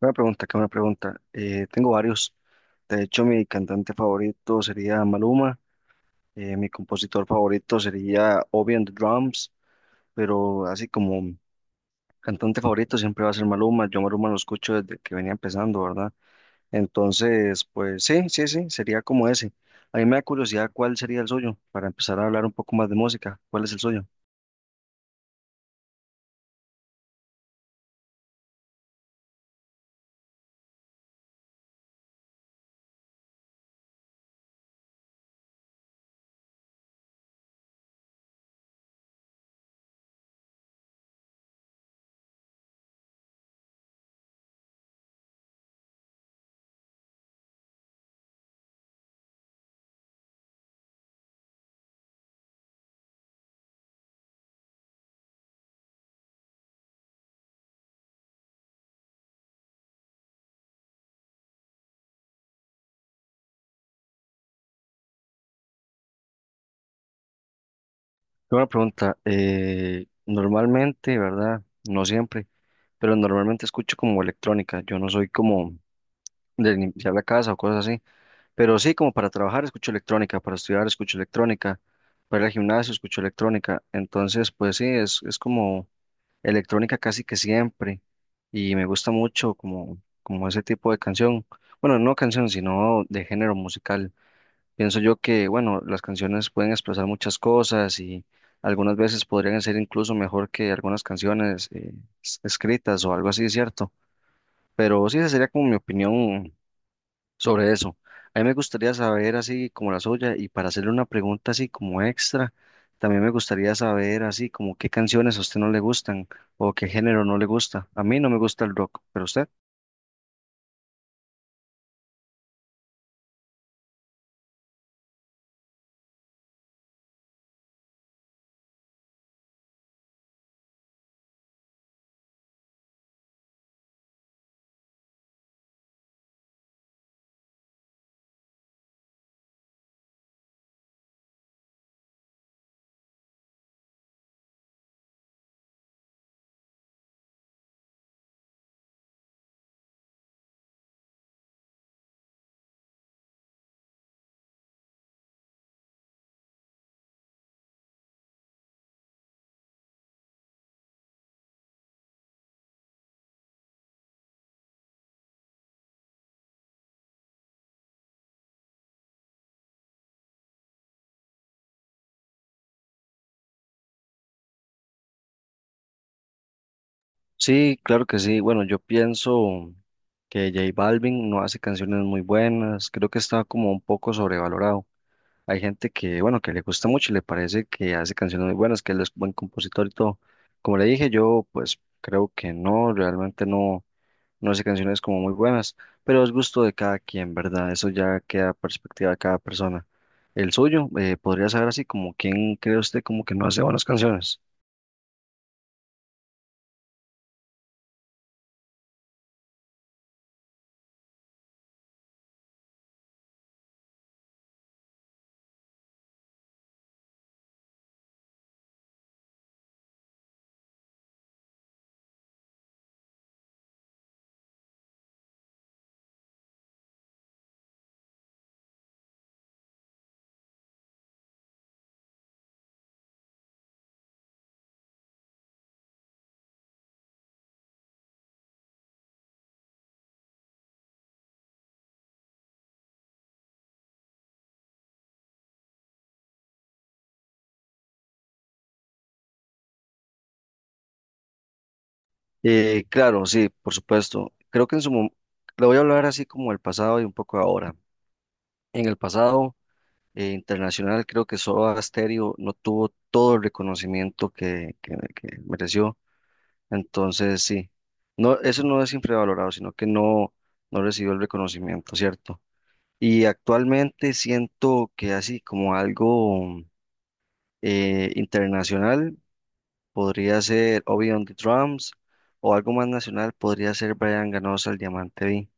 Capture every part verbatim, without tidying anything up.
Una pregunta, que una pregunta. Eh, tengo varios. De hecho, mi cantante favorito sería Maluma. Eh, mi compositor favorito sería Obi and the Drums. Pero así como cantante favorito siempre va a ser Maluma. Yo Maluma lo escucho desde que venía empezando, ¿verdad? Entonces, pues sí, sí, sí, sería como ese. A mí me da curiosidad cuál sería el suyo para empezar a hablar un poco más de música. ¿Cuál es el suyo? Una pregunta. Eh, normalmente, ¿verdad? No siempre, pero normalmente escucho como electrónica. Yo no soy como de limpiar la casa o cosas así. Pero sí, como para trabajar escucho electrónica, para estudiar escucho electrónica, para ir al gimnasio escucho electrónica. Entonces, pues sí, es, es como electrónica casi que siempre. Y me gusta mucho como, como ese tipo de canción. Bueno, no canción, sino de género musical. Pienso yo que, bueno, las canciones pueden expresar muchas cosas y algunas veces podrían ser incluso mejor que algunas canciones eh, es- escritas o algo así, ¿cierto? Pero sí, esa sería como mi opinión sobre eso. A mí me gustaría saber así como la suya y para hacerle una pregunta así como extra, también me gustaría saber así como qué canciones a usted no le gustan o qué género no le gusta. A mí no me gusta el rock, pero usted. Sí, claro que sí. Bueno, yo pienso que J Balvin no hace canciones muy buenas, creo que está como un poco sobrevalorado. Hay gente que, bueno, que le gusta mucho y le parece que hace canciones muy buenas, que él es buen compositor y todo. Como le dije, yo pues creo que no, realmente no. No hace canciones como muy buenas, pero es gusto de cada quien, ¿verdad? Eso ya queda a perspectiva de cada persona. El suyo, eh, ¿podría saber así como quién cree usted como que no hace buenas canciones? Eh, claro, sí, por supuesto. Creo que en su momento, le voy a hablar así como el pasado y un poco ahora. En el pasado eh, internacional, creo que Soda Stereo no tuvo todo el reconocimiento que, que, que mereció. Entonces, sí, no, eso no es infravalorado, sino que no, no recibió el reconocimiento, ¿cierto? Y actualmente siento que así como algo eh, internacional podría ser Obi on the Drums, o algo más nacional podría ser Brian Ganosa, el Diamante V,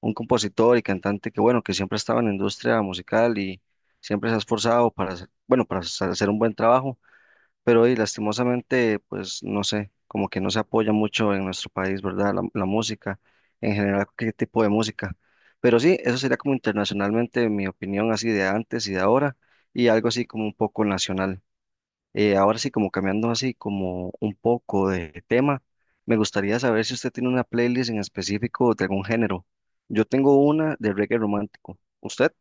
un compositor y cantante que, bueno, que siempre ha estado en la industria musical y siempre se ha esforzado para hacer, bueno, para hacer un buen trabajo, pero hoy, lastimosamente, pues no sé, como que no se apoya mucho en nuestro país, ¿verdad? La, la música, en general, qué tipo de música. Pero sí, eso sería como internacionalmente mi opinión así de antes y de ahora, y algo así como un poco nacional. Eh, ahora sí, como cambiando así como un poco de tema, me gustaría saber si usted tiene una playlist en específico de algún género. Yo tengo una de reggae romántico. ¿Usted?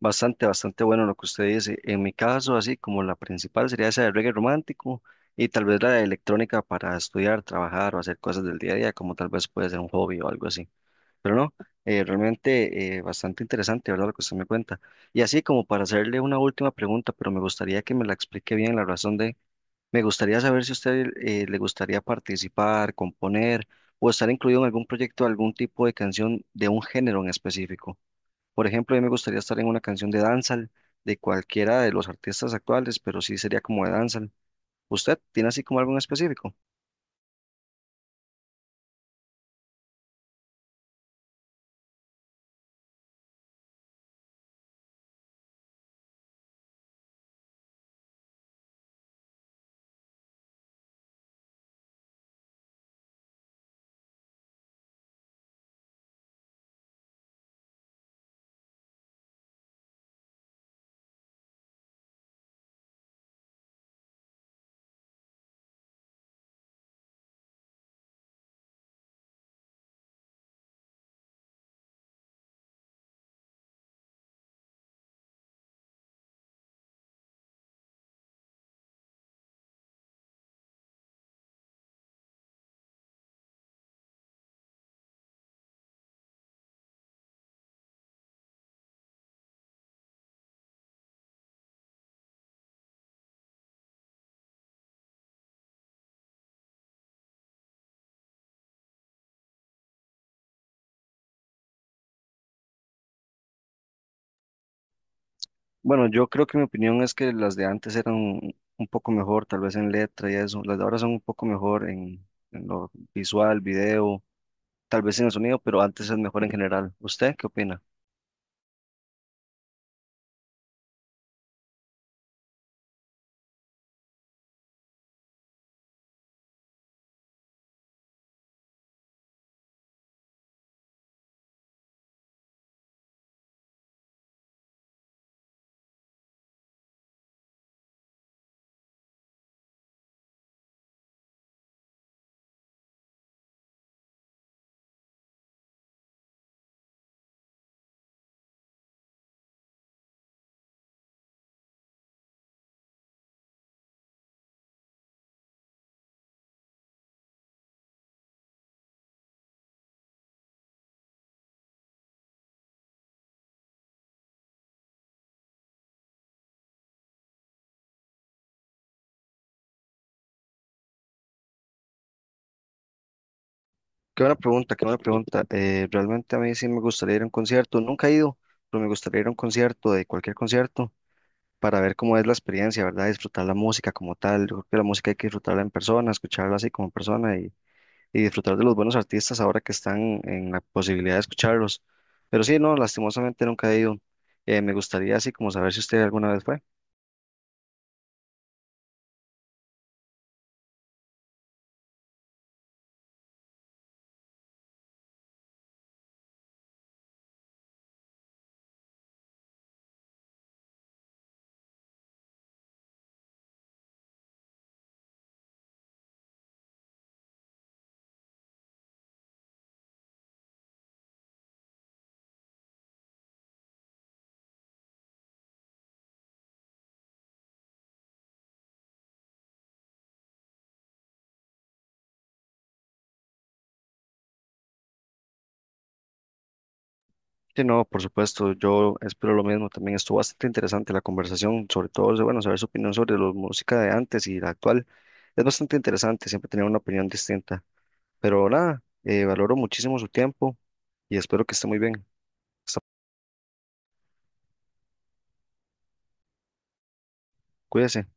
Bastante, bastante bueno lo que usted dice. En mi caso, así como la principal sería esa de reggae romántico y tal vez la de electrónica para estudiar, trabajar o hacer cosas del día a día, como tal vez puede ser un hobby o algo así. Pero no, eh, realmente eh, bastante interesante, ¿verdad? Lo que usted me cuenta. Y así como para hacerle una última pregunta, pero me gustaría que me la explique bien la razón de, me gustaría saber si a usted eh, le gustaría participar, componer o estar incluido en algún proyecto, algún tipo de canción de un género en específico. Por ejemplo, a mí me gustaría estar en una canción de dancehall de cualquiera de los artistas actuales, pero sí sería como de dancehall. ¿Usted tiene así como algo en específico? Bueno, yo creo que mi opinión es que las de antes eran un poco mejor, tal vez en letra y eso. Las de ahora son un poco mejor en, en lo visual, video, tal vez en el sonido, pero antes es mejor en general. ¿Usted qué opina? Qué buena pregunta, qué buena pregunta. Eh, realmente a mí sí me gustaría ir a un concierto. Nunca he ido, pero me gustaría ir a un concierto, de cualquier concierto, para ver cómo es la experiencia, ¿verdad? Disfrutar la música como tal. Yo creo que la música hay que disfrutarla en persona, escucharla así como persona y, y disfrutar de los buenos artistas ahora que están en la posibilidad de escucharlos. Pero sí, no, lastimosamente nunca he ido. Eh, me gustaría así como saber si usted alguna vez fue. Sí, no, por supuesto, yo espero lo mismo. También estuvo bastante interesante la conversación, sobre todo, bueno, saber su opinión sobre la música de antes y la actual. Es bastante interesante siempre tener una opinión distinta. Pero nada, eh, valoro muchísimo su tiempo y espero que esté muy bien. Hasta- Cuídese.